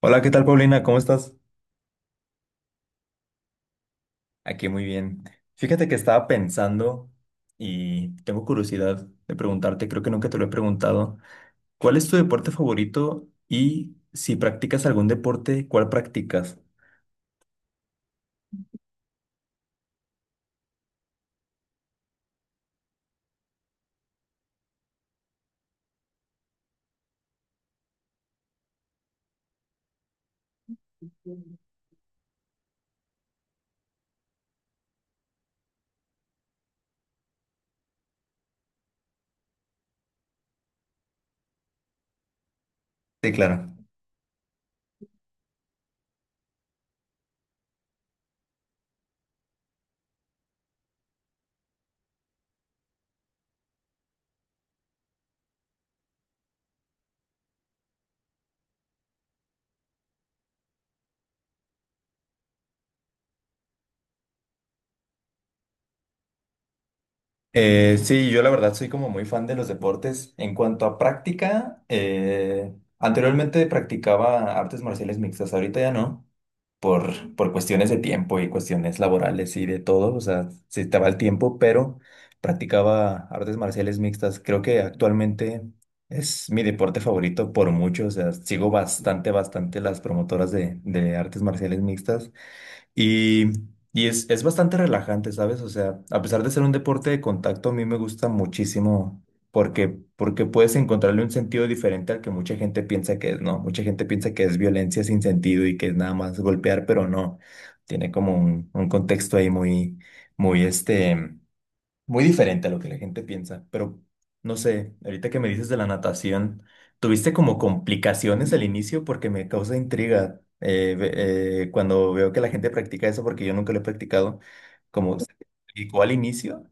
Hola, ¿qué tal, Paulina? ¿Cómo estás? Aquí muy bien. Fíjate que estaba pensando y tengo curiosidad de preguntarte, creo que nunca te lo he preguntado, ¿cuál es tu deporte favorito y si practicas algún deporte, cuál practicas? Sí, claro. Sí, yo la verdad soy como muy fan de los deportes. En cuanto a práctica, anteriormente practicaba artes marciales mixtas, ahorita ya no. Por cuestiones de tiempo y cuestiones laborales y de todo, o sea, se te va el tiempo, pero practicaba artes marciales mixtas. Creo que actualmente es mi deporte favorito por mucho, o sea, sigo bastante, bastante las promotoras de artes marciales mixtas y, y es bastante relajante, ¿sabes? O sea, a pesar de ser un deporte de contacto, a mí me gusta muchísimo porque puedes encontrarle un sentido diferente al que mucha gente piensa que es, ¿no? Mucha gente piensa que es violencia sin sentido y que es nada más golpear, pero no. Tiene como un contexto ahí muy, muy este. Muy diferente a lo que la gente piensa, pero no sé, ahorita que me dices de la natación, ¿tuviste como complicaciones al inicio? Porque me causa intriga cuando veo que la gente practica eso, porque yo nunca lo he practicado, como se te complicó al inicio.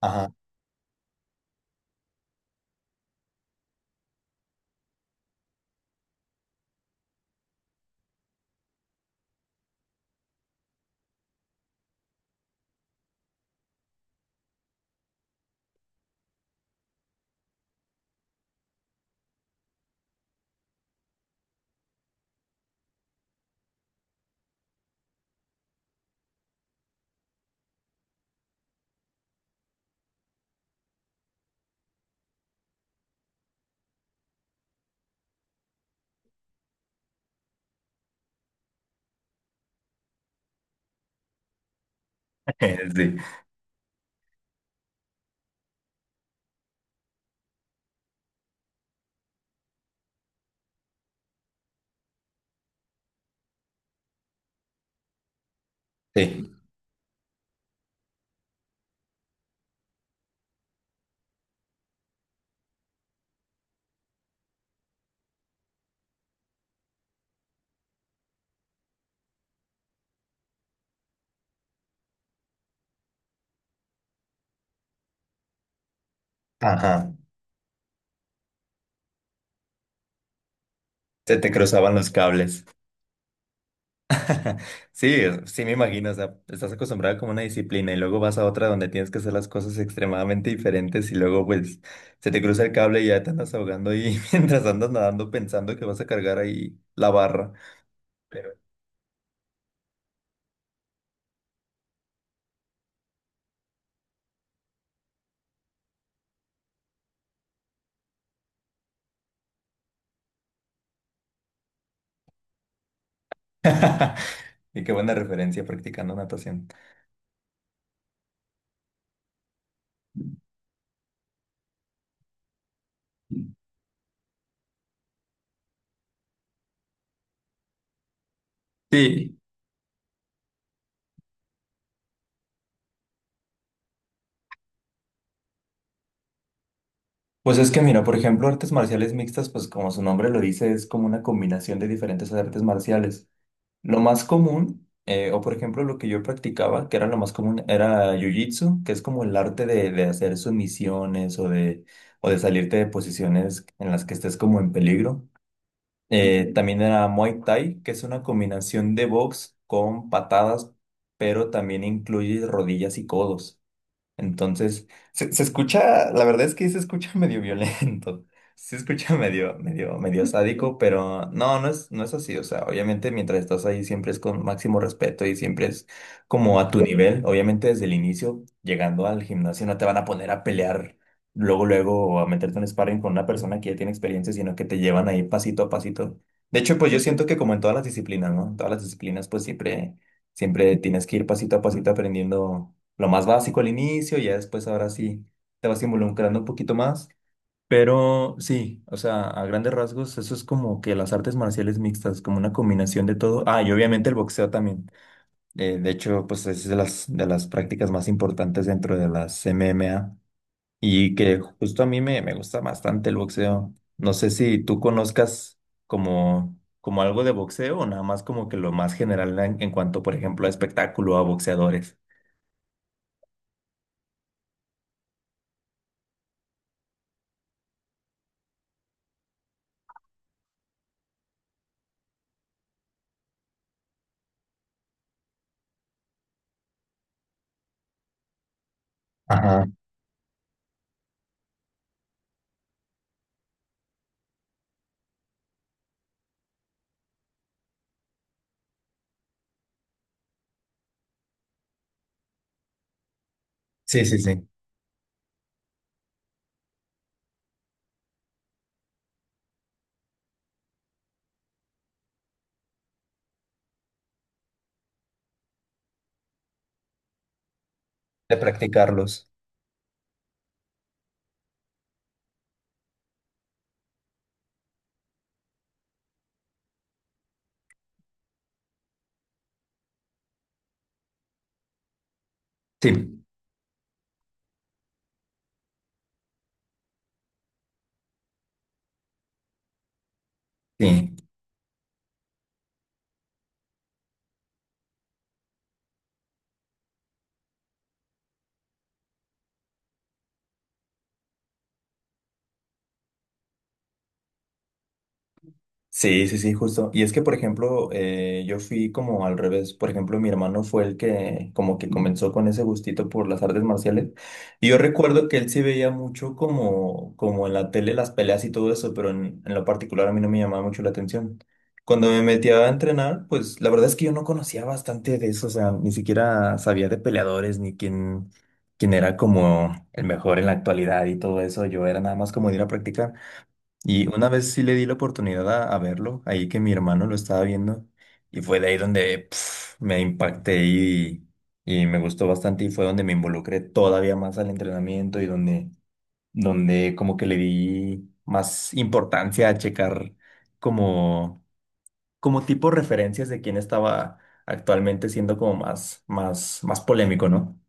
Ajá. Sí, sí. Ajá. Se te cruzaban los cables. Sí, sí me imagino, o sea, estás acostumbrado como a una disciplina y luego vas a otra donde tienes que hacer las cosas extremadamente diferentes y luego pues se te cruza el cable y ya te andas ahogando y mientras andas nadando pensando que vas a cargar ahí la barra. Pero... Y qué buena referencia practicando natación. Sí, pues es que mira, por ejemplo, artes marciales mixtas, pues como su nombre lo dice, es como una combinación de diferentes artes marciales. Lo más común, o por ejemplo lo que yo practicaba, que era lo más común, era jiu-jitsu, que es como el arte de hacer sumisiones o de salirte de posiciones en las que estés como en peligro. También era Muay Thai, que es una combinación de box con patadas, pero también incluye rodillas y codos. Entonces, se escucha, la verdad es que se escucha medio violento, se escucha medio, medio, medio sádico, pero no, no es, no es así. O sea, obviamente mientras estás ahí siempre es con máximo respeto y siempre es como a tu nivel. Obviamente desde el inicio, llegando al gimnasio, no te van a poner a pelear luego, luego o a meterte en sparring con una persona que ya tiene experiencia, sino que te llevan ahí pasito a pasito. De hecho, pues yo siento que como en todas las disciplinas, ¿no? En todas las disciplinas, pues siempre, siempre tienes que ir pasito a pasito aprendiendo lo más básico al inicio, ya después ahora sí te vas involucrando un poquito más. Pero sí, o sea, a grandes rasgos, eso es como que las artes marciales mixtas, como una combinación de todo. Ah, y obviamente el boxeo también. De hecho, pues es de las prácticas más importantes dentro de las MMA y que justo a mí me gusta bastante el boxeo. No sé si tú conozcas como algo de boxeo o nada más como que lo más general en cuanto, por ejemplo, a espectáculo, a boxeadores. Ajá. Sí, sí, sí. De practicarlos. Sí, sí. Sí, sí, sí, justo. Y es que, por ejemplo, yo fui como al revés. Por ejemplo, mi hermano fue el que como que comenzó con ese gustito por las artes marciales. Y yo recuerdo que él sí veía mucho como, como en la tele las peleas y todo eso, pero en lo particular a mí no me llamaba mucho la atención. Cuando me metía a entrenar, pues la verdad es que yo no conocía bastante de eso. O sea, ni siquiera sabía de peleadores ni quién, quién era como el mejor en la actualidad y todo eso. Yo era nada más como de ir a practicar. Y una vez sí le di la oportunidad a verlo, ahí que mi hermano lo estaba viendo, y fue de ahí donde pf, me impacté y me gustó bastante y fue donde me involucré todavía más al entrenamiento y donde, donde como que le di más importancia a checar como, como tipo referencias de quién estaba actualmente siendo como más, más, más polémico, ¿no?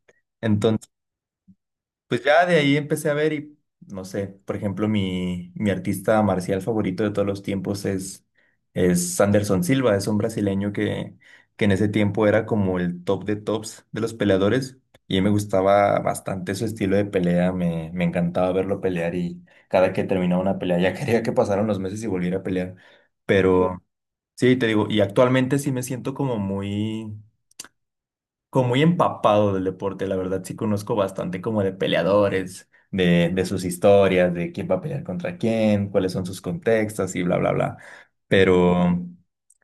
Pues ya de ahí empecé a ver y, no sé, por ejemplo, mi artista marcial favorito de todos los tiempos es Anderson Silva, es un brasileño que en ese tiempo era como el top de tops de los peleadores y me gustaba bastante su estilo de pelea, me encantaba verlo pelear y cada que terminaba una pelea ya quería que pasaran los meses y volviera a pelear, pero sí, te digo, y actualmente sí me siento como muy empapado del deporte, la verdad, sí conozco bastante como de peleadores, de sus historias, de quién va a pelear contra quién, cuáles son sus contextos y bla, bla, bla. Pero,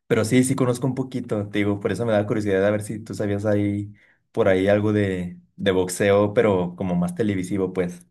pero sí, sí conozco un poquito, te digo, por eso me da curiosidad a ver si tú sabías ahí, por ahí algo de boxeo, pero como más televisivo, pues.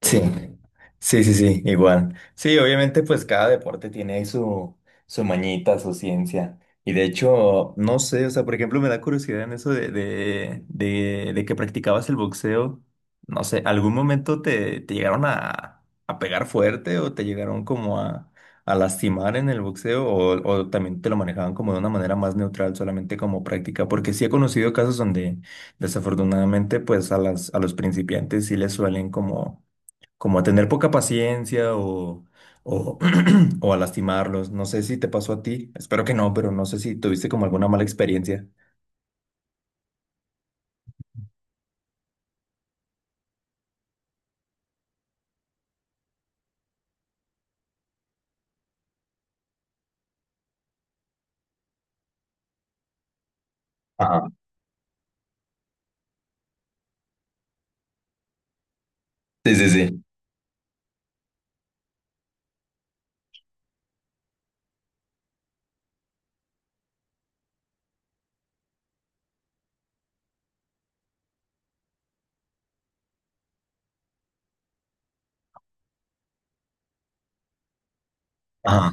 Sí, sí, sí, sí, igual. Sí, obviamente pues cada deporte tiene ahí su, su mañita, su ciencia. Y de hecho, no sé, o sea, por ejemplo, me da curiosidad en eso de, de que practicabas el boxeo. No sé, ¿algún momento te, te llegaron a pegar fuerte o te llegaron como a lastimar en el boxeo o también te lo manejaban como de una manera más neutral, solamente como práctica? Porque sí he conocido casos donde desafortunadamente pues a las, a los principiantes sí les suelen como como a tener poca paciencia o, o a lastimarlos. No sé si te pasó a ti, espero que no, pero no sé si tuviste como alguna mala experiencia. Ajá. Sí, sí, sí. Ajá.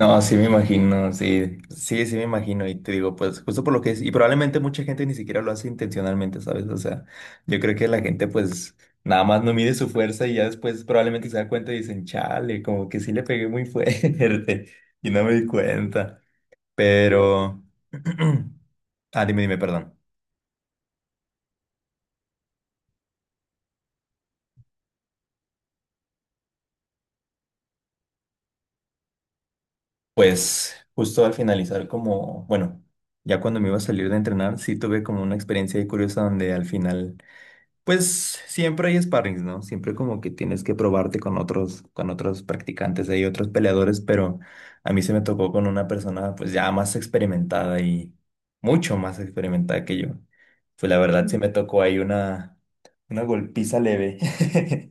No, sí me imagino, sí, sí, sí me imagino y te digo, pues justo por lo que es, y probablemente mucha gente ni siquiera lo hace intencionalmente, ¿sabes? O sea, yo creo que la gente pues nada más no mide su fuerza y ya después probablemente se da cuenta y dicen, chale, como que sí le pegué muy fuerte y no me di cuenta, pero... Ah, dime, dime, perdón. Pues justo al finalizar como, bueno, ya cuando me iba a salir de entrenar, sí tuve como una experiencia ahí curiosa donde al final... Pues siempre hay sparrings, ¿no? Siempre como que tienes que probarte con otros practicantes, hay otros peleadores, pero a mí se me tocó con una persona pues ya más experimentada y mucho más experimentada que yo. Pues la verdad sí me tocó ahí una golpiza leve.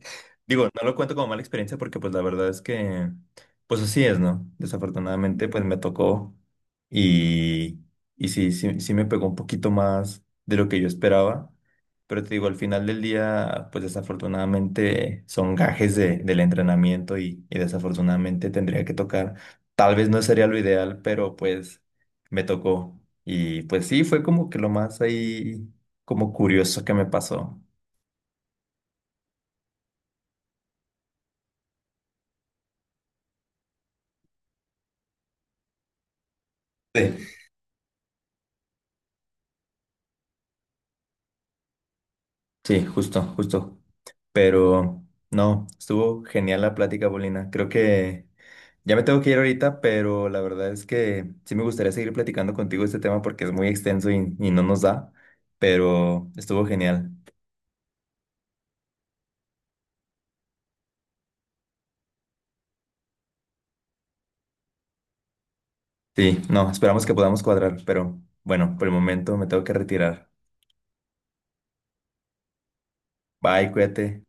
Digo, no lo cuento como mala experiencia porque pues la verdad es que pues así es, ¿no? Desafortunadamente pues me tocó y, y sí, sí, sí me pegó un poquito más de lo que yo esperaba. Pero te digo, al final del día, pues desafortunadamente son gajes de, del entrenamiento y desafortunadamente tendría que tocar. Tal vez no sería lo ideal, pero pues me tocó. Y pues sí, fue como que lo más ahí, como curioso que me pasó. Sí. Sí, justo, justo. Pero no, estuvo genial la plática, Bolina. Creo que ya me tengo que ir ahorita, pero la verdad es que sí me gustaría seguir platicando contigo este tema porque es muy extenso y no nos da, pero estuvo genial. Sí, no, esperamos que podamos cuadrar, pero bueno, por el momento me tengo que retirar. Bye, cuídate.